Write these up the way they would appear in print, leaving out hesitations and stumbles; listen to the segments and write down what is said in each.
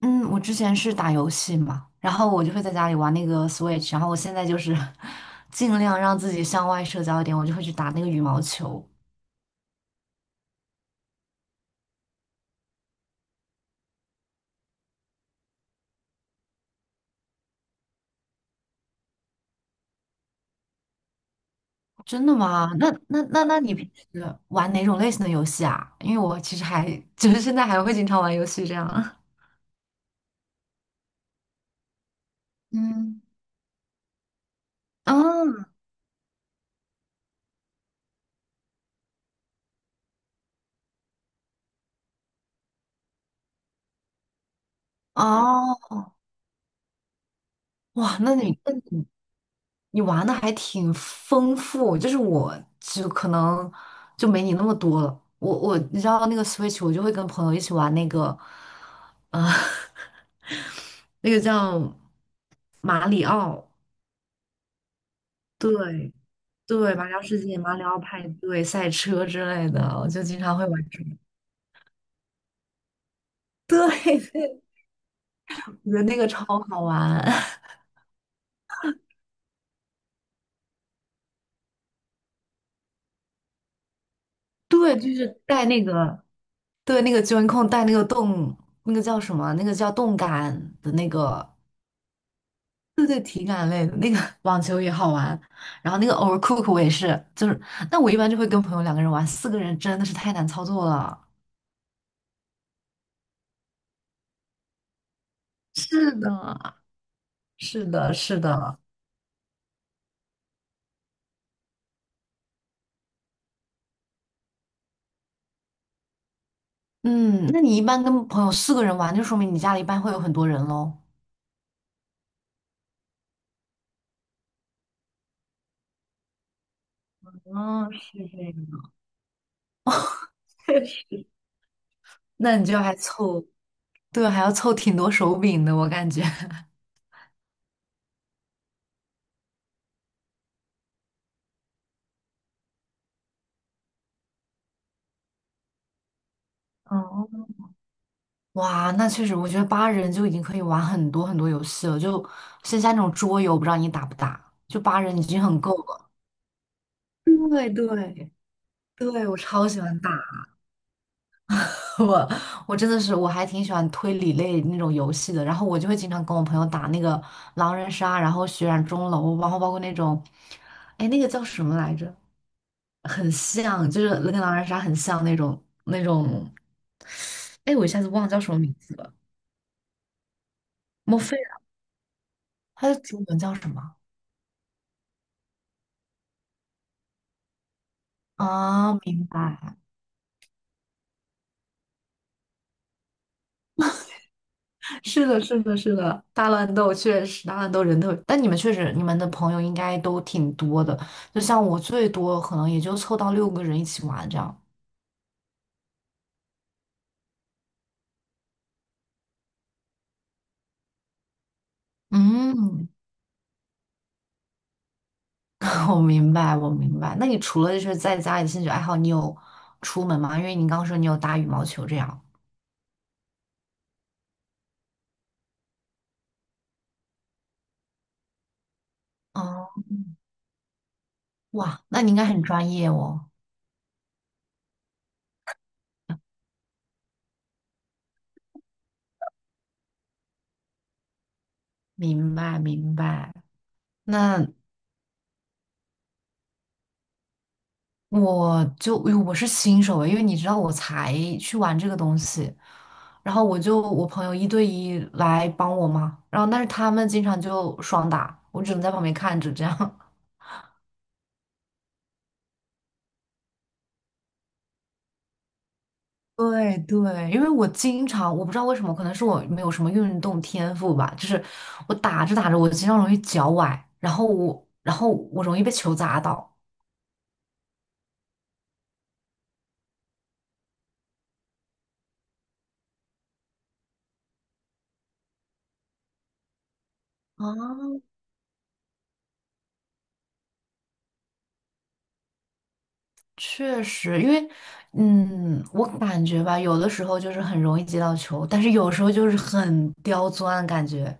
嗯，我之前是打游戏嘛，然后我就会在家里玩那个 Switch，然后我现在就是 尽量让自己向外社交一点，我就会去打那个羽毛球。真的吗？那你平时玩哪种类型的游戏啊？因为我其实还 就是现在还会经常玩游戏这样。嗯，啊哦，哇，那你你玩的还挺丰富，就是我就可能就没你那么多了。我你知道那个 Switch，我就会跟朋友一起玩那个，呃，那个叫马里奥，对对，马里奥世界、马里奥派对、赛车之类的，我就经常会玩这个。对，我觉得那个超好玩。对，就是带那个，对那个 j o 带那个动，那个叫什么？那个叫动感的那个对对，体感类的那个 网球也好玩，然后那个 Overcook 我也是，就是，那我一般就会跟朋友两个人玩，四个人真的是太难操作了。是的，是的，是的。嗯，那你一般跟朋友四个人玩，就说明你家里一般会有很多人喽。嗯，是这样，确实，那你就还凑，对，还要凑挺多手柄的，我感觉。哦哇，那确实，我觉得八人就已经可以玩很多很多游戏了，就剩下那种桌游，不知道你打不打？就八人已经很够了。对对对，我超喜欢打，我我真的是我还挺喜欢推理类那种游戏的，然后我就会经常跟我朋友打那个狼人杀，然后血染钟楼，然后包括那种，哎，那个叫什么来着？很像，就是跟狼人杀很像那种，哎，我一下子忘了叫什么名字了，莫非它的中文叫什么？啊，明白。是的，是的，是的，大乱斗确实，大乱斗人特别，但你们确实，你们的朋友应该都挺多的。就像我最多可能也就凑到六个人一起玩这样。嗯，我明白，我明白。那你除了就是在家里兴趣爱好，你有出门吗？因为你刚刚说你有打羽毛球这样。哦，哇，那你应该很专业哦。明白，明白。那我就我是新手诶，因为你知道我才去玩这个东西，然后我朋友一对一来帮我嘛，然后但是他们经常就双打，我只能在旁边看着这样。对对，因为我经常我不知道为什么，可能是我没有什么运动天赋吧，就是我打着打着我经常容易脚崴，然后我容易被球砸到。确实，因为，嗯，我感觉吧，有的时候就是很容易接到球，但是有时候就是很刁钻，感觉，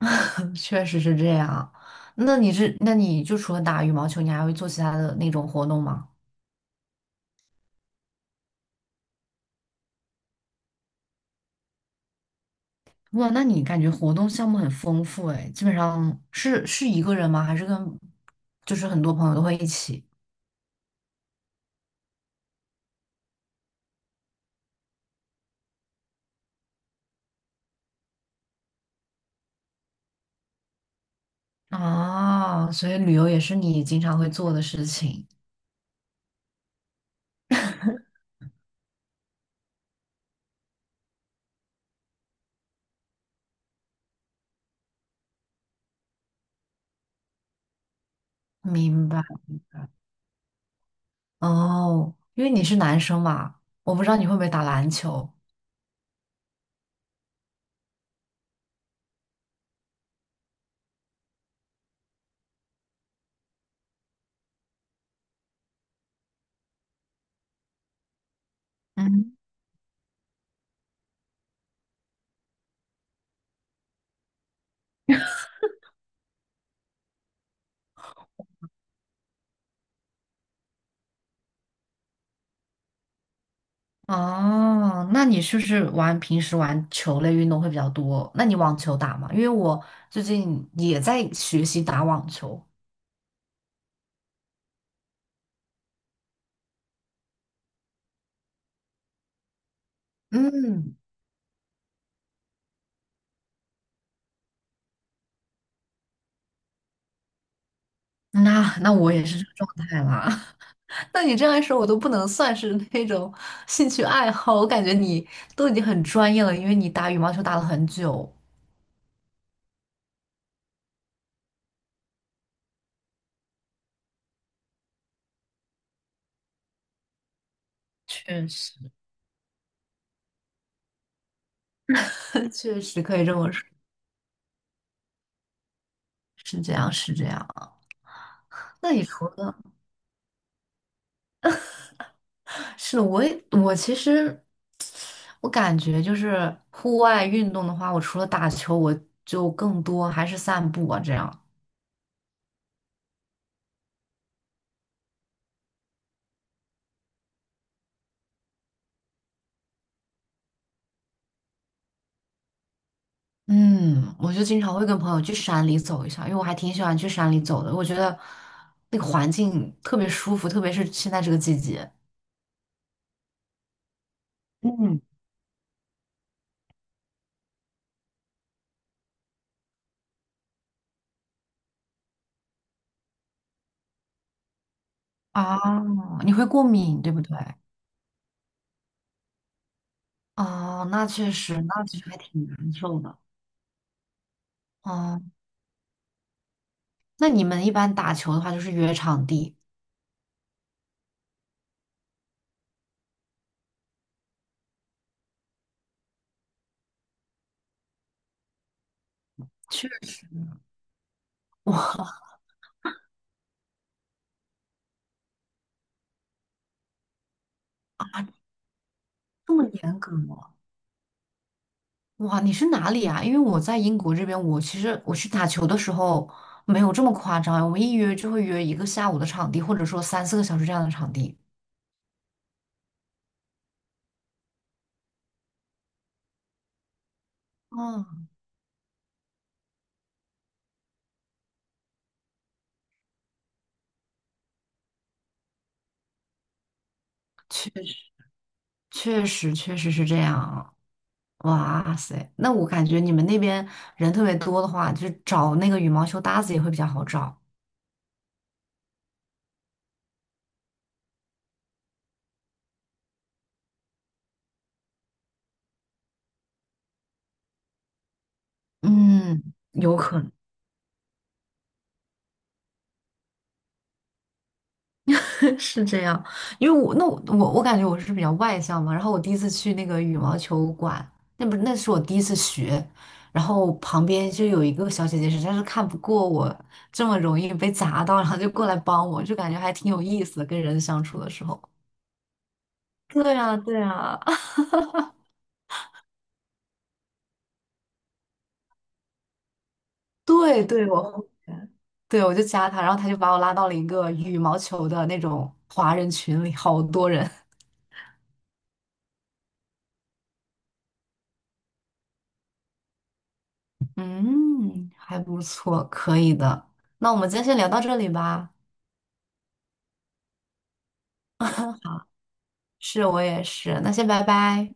确实是这样。那你是，那你就除了打羽毛球，你还会做其他的那种活动吗？哇，那你感觉活动项目很丰富哎！基本上是一个人吗？还是跟，就是很多朋友都会一起？啊，所以旅游也是你经常会做的事情，明白。哦，因为你是男生嘛，我不知道你会不会打篮球。嗯，哦，那你是不是玩平时玩球类运动会比较多？那你网球打吗？因为我最近也在学习打网球。嗯，那我也是这个状态啦。那你这样一说，我都不能算是那种兴趣爱好，我感觉你都已经很专业了，因为你打羽毛球打了很久。确实。确实可以这么说，是这样，是这样。那你除了是的我也我其实我感觉就是户外运动的话，我除了打球，我就更多还是散步啊这样。嗯，我就经常会跟朋友去山里走一下，因为我还挺喜欢去山里走的，我觉得那个环境特别舒服，特别是现在这个季节。嗯，啊，你会过敏，对不对？哦，那确实，那其实还挺难受的。哦，那你们一般打球的话，就是约场地，确实。哇，这么严格。吗？哇，你是哪里啊？因为我在英国这边，我其实我去打球的时候没有这么夸张，我们一约就会约一个下午的场地，或者说三四个小时这样的场地。哦，确实，确实，确实是这样。哇塞，那我感觉你们那边人特别多的话，就是找那个羽毛球搭子也会比较好找。嗯，有可能。是这样，因为我那我感觉我是比较外向嘛，然后我第一次去那个羽毛球馆，那不是那是我第一次学，然后旁边就有一个小姐姐实在是看不过我这么容易被砸到，然后就过来帮我，就感觉还挺有意思的，跟人相处的时候。对啊，对啊，对对，我 对我就加她，然后她就把我拉到了一个羽毛球的那种华人群里，好多人，嗯，还不错，可以的。那我们今天先聊到这里吧。是我也是，那先拜拜。